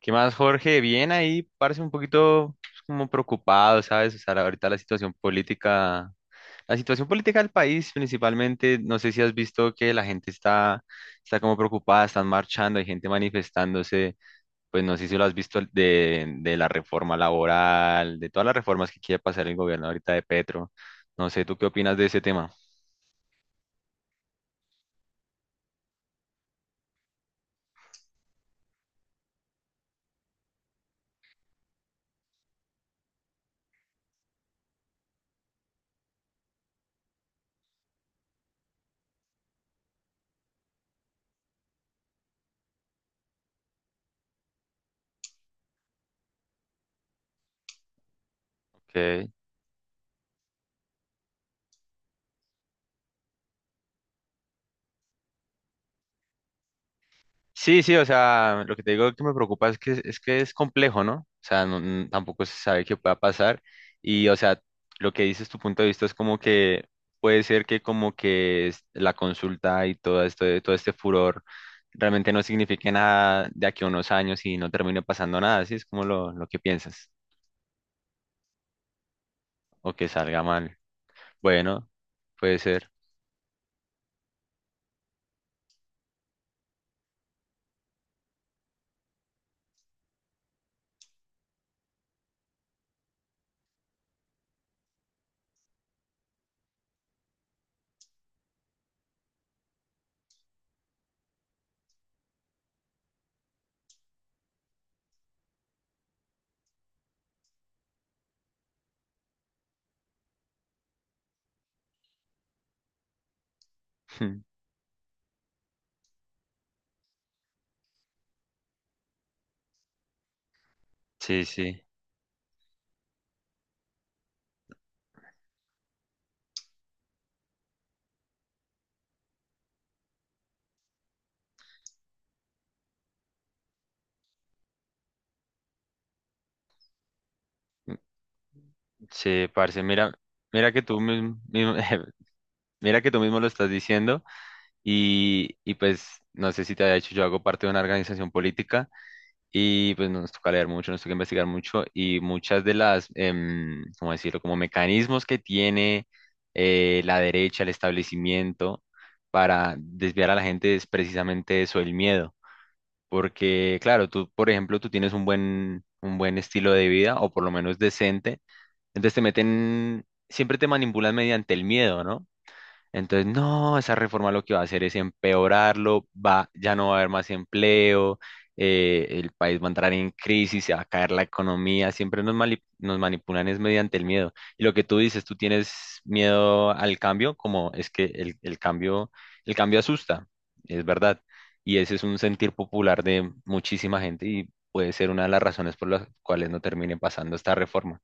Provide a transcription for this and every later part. ¿Qué más, Jorge? Bien ahí, parece un poquito pues, como preocupado, ¿sabes? O sea, ahorita la situación política del país principalmente, no sé si has visto que está como preocupada, están marchando, hay gente manifestándose, pues no sé si lo has visto de la reforma laboral, de todas las reformas que quiere pasar el gobierno ahorita de Petro. No sé, ¿tú qué opinas de ese tema? Ok. Sí, sí, o sea, lo que te digo que me preocupa es que es complejo, ¿no? O sea, tampoco se sabe qué pueda pasar y, o sea, lo que dices tu punto de vista es como que puede ser que como que la consulta y todo esto, todo este furor realmente no signifique nada de aquí a unos años y no termine pasando nada, ¿sí? Es como lo que piensas o que salga mal. Bueno, puede ser. Sí, sí, sí, parce, mira, mira que tú mismo, mira que tú mismo lo estás diciendo. Y pues no sé si te había dicho, yo hago parte de una organización política y pues nos toca leer mucho, nos toca investigar mucho y muchas de las, ¿cómo decirlo?, como mecanismos que tiene la derecha, el establecimiento para desviar a la gente es precisamente eso, el miedo. Porque claro, tú, por ejemplo, tú tienes un buen estilo de vida o por lo menos decente, entonces te meten, siempre te manipulan mediante el miedo, ¿no? Entonces, no, esa reforma lo que va a hacer es empeorarlo, va, ya no va a haber más empleo, el país va a entrar en crisis, se va a caer la economía, siempre nos, nos manipulan es mediante el miedo. Y lo que tú dices, tú tienes miedo al cambio, como es que el cambio asusta, es verdad. Y ese es un sentir popular de muchísima gente y puede ser una de las razones por las cuales no termine pasando esta reforma.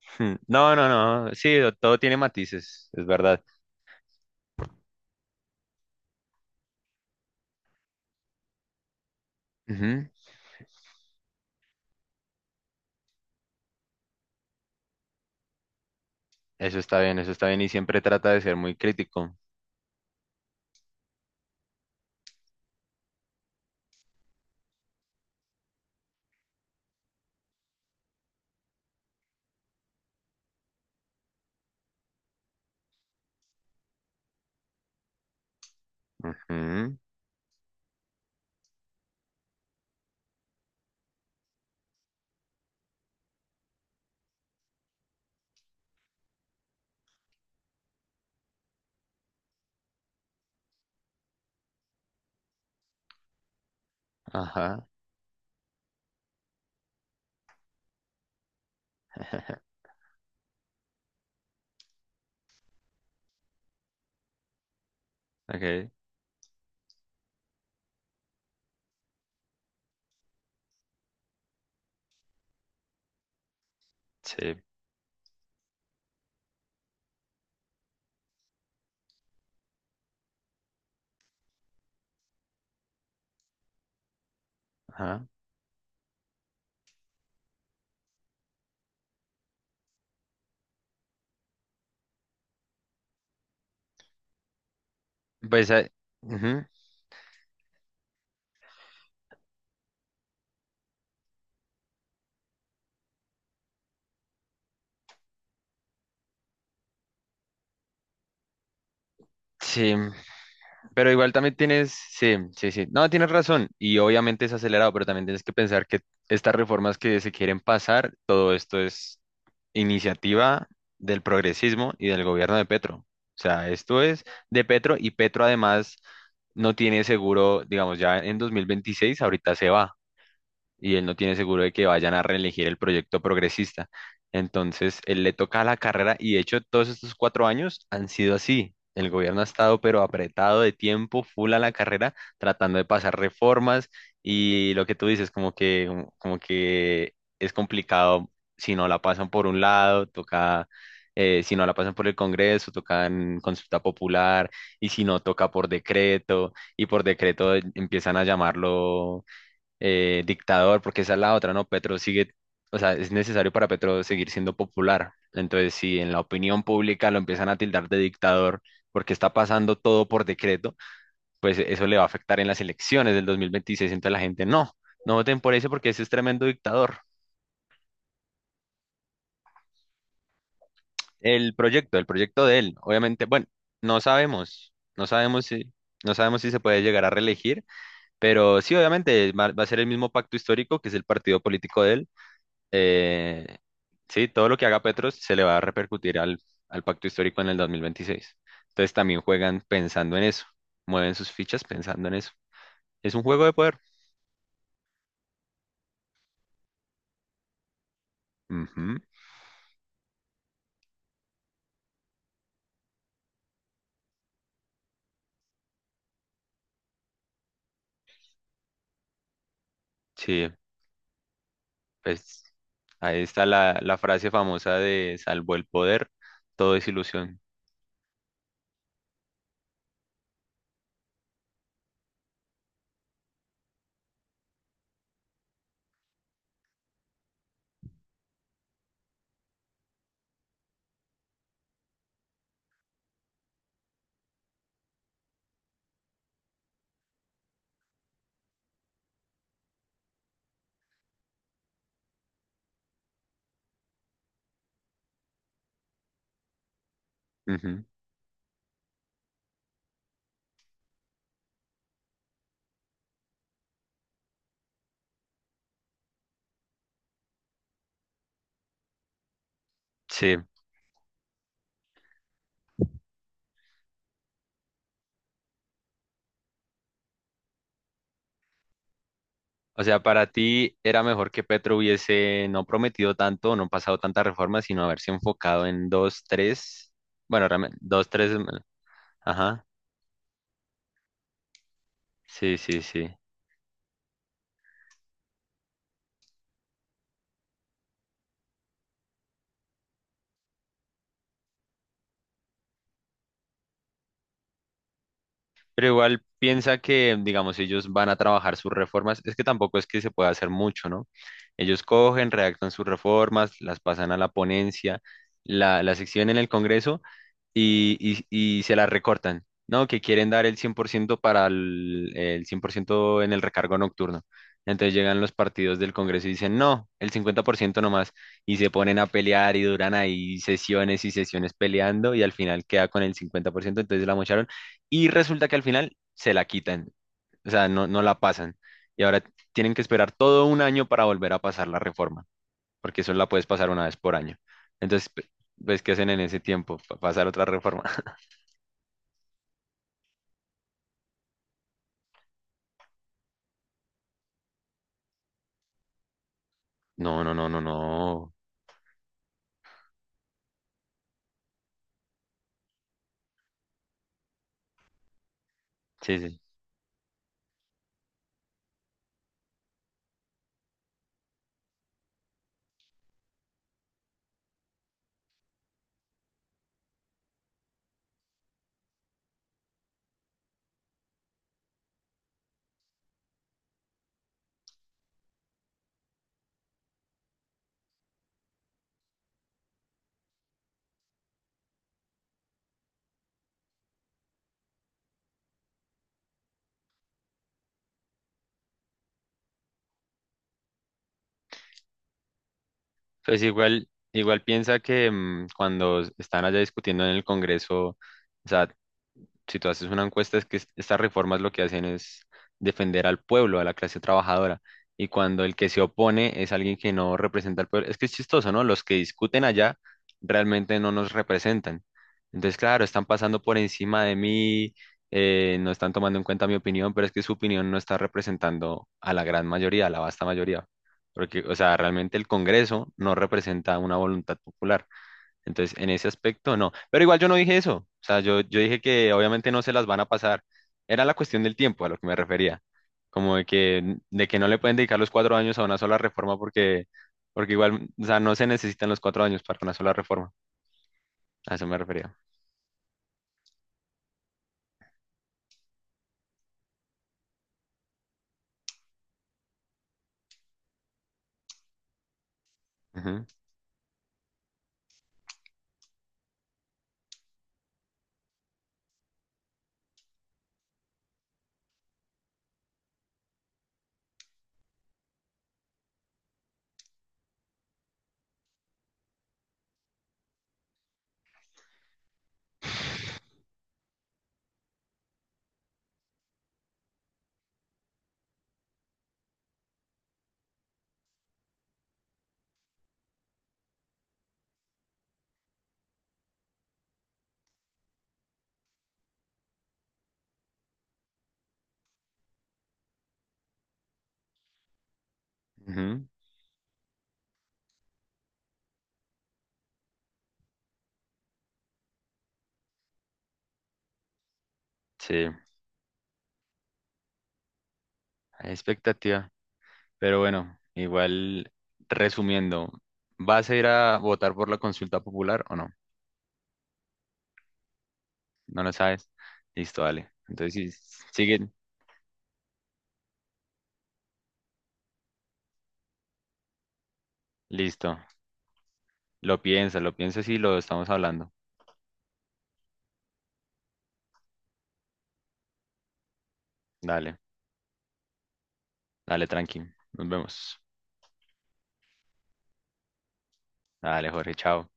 No, no, no, sí, todo tiene matices, es verdad. Ujú. Eso está bien y siempre trata de ser muy crítico. Ujú. Ajá. Okay. Sí. Ajá. Pues ah, ujú, sí, pero igual también tienes, sí, sí, sí. No, tienes razón y obviamente es acelerado, pero también tienes que pensar que estas reformas que se quieren pasar, todo esto es iniciativa del progresismo y del gobierno de Petro. O sea, esto es de Petro y Petro además no tiene seguro, digamos, ya en 2026 ahorita se va. Y él no tiene seguro de que vayan a reelegir el proyecto progresista. Entonces, él le toca la carrera y de hecho todos estos 4 años han sido así. El gobierno ha estado pero apretado de tiempo, full a la carrera, tratando de pasar reformas y lo que tú dices, como que, como que es complicado si no la pasan por un lado, toca... si no la pasan por el Congreso, toca en consulta popular, y si no toca por decreto, y por decreto empiezan a llamarlo dictador, porque esa es la otra, ¿no? Petro sigue, o sea, es necesario para Petro seguir siendo popular. Entonces, si en la opinión pública lo empiezan a tildar de dictador porque está pasando todo por decreto, pues eso le va a afectar en las elecciones del 2026. Entonces la gente, no, no voten por ese porque ese es tremendo dictador. El proyecto de él, obviamente, bueno, no sabemos, no sabemos si... No sabemos si se puede llegar a reelegir, pero sí, obviamente va a ser el mismo pacto histórico que es el partido político de él. Eh, sí, todo lo que haga Petro se le va a repercutir al, al pacto histórico en el 2026. Entonces también juegan pensando en eso, mueven sus fichas pensando en eso. Es un juego de poder. Ujú, sí, pues ahí está la frase famosa de salvo el poder, todo es ilusión. Ujú, sí, o sea, para ti era mejor que Petro hubiese no prometido tanto, no pasado tantas reformas, sino haberse enfocado en dos, tres, bueno, realmente, dos, tres, mm, ajá, sí, sí, sí. Pero igual piensa que, digamos, ellos van a trabajar sus reformas. Es que tampoco es que se pueda hacer mucho, ¿no? Ellos cogen, redactan sus reformas, las pasan a la ponencia, la sección en el Congreso y, y se la recortan, ¿no? Que quieren dar el 100% para el 100% en el recargo nocturno. Entonces llegan los partidos del Congreso y dicen, no, el 50% nomás, y se ponen a pelear y duran ahí sesiones y sesiones peleando y al final queda con el 50% entonces la mocharon y resulta que al final se la quitan, o sea, no, no la pasan y ahora tienen que esperar todo un año para volver a pasar la reforma porque solo la puedes pasar una vez por año. Entonces, pues, ¿qué hacen en ese tiempo? Pasar otra reforma. No, no, no, no, no. Sí, sí. Pues igual, igual piensa que cuando están allá discutiendo en el Congreso, o sea, si tú haces una encuesta, es que estas reformas lo que hacen es defender al pueblo, a la clase trabajadora. Y cuando el que se opone es alguien que no representa al pueblo, es que es chistoso, ¿no? Los que discuten allá realmente no nos representan. Entonces, claro, están pasando por encima de mí, no están tomando en cuenta mi opinión, pero es que su opinión no está representando a la gran mayoría, a la vasta mayoría. Porque, o sea, realmente el Congreso no representa una voluntad popular entonces, en ese aspecto, no. Pero igual yo no dije eso. O sea, yo dije que obviamente no se las van a pasar. Era la cuestión del tiempo a lo que me refería. Como de que no le pueden dedicar los 4 años a una sola reforma porque, porque igual, o sea, no se necesitan los 4 años para una sola reforma. A eso me refería. Ujú, ujú. Sí, hay expectativa. Pero bueno, igual, resumiendo, ¿vas a ir a votar por la consulta popular o no? No lo sabes. Listo, dale. Entonces, sí, sigue. Listo. Lo piensa y lo estamos hablando. Dale, dale, tranqui. Nos vemos. Dale, Jorge, chao.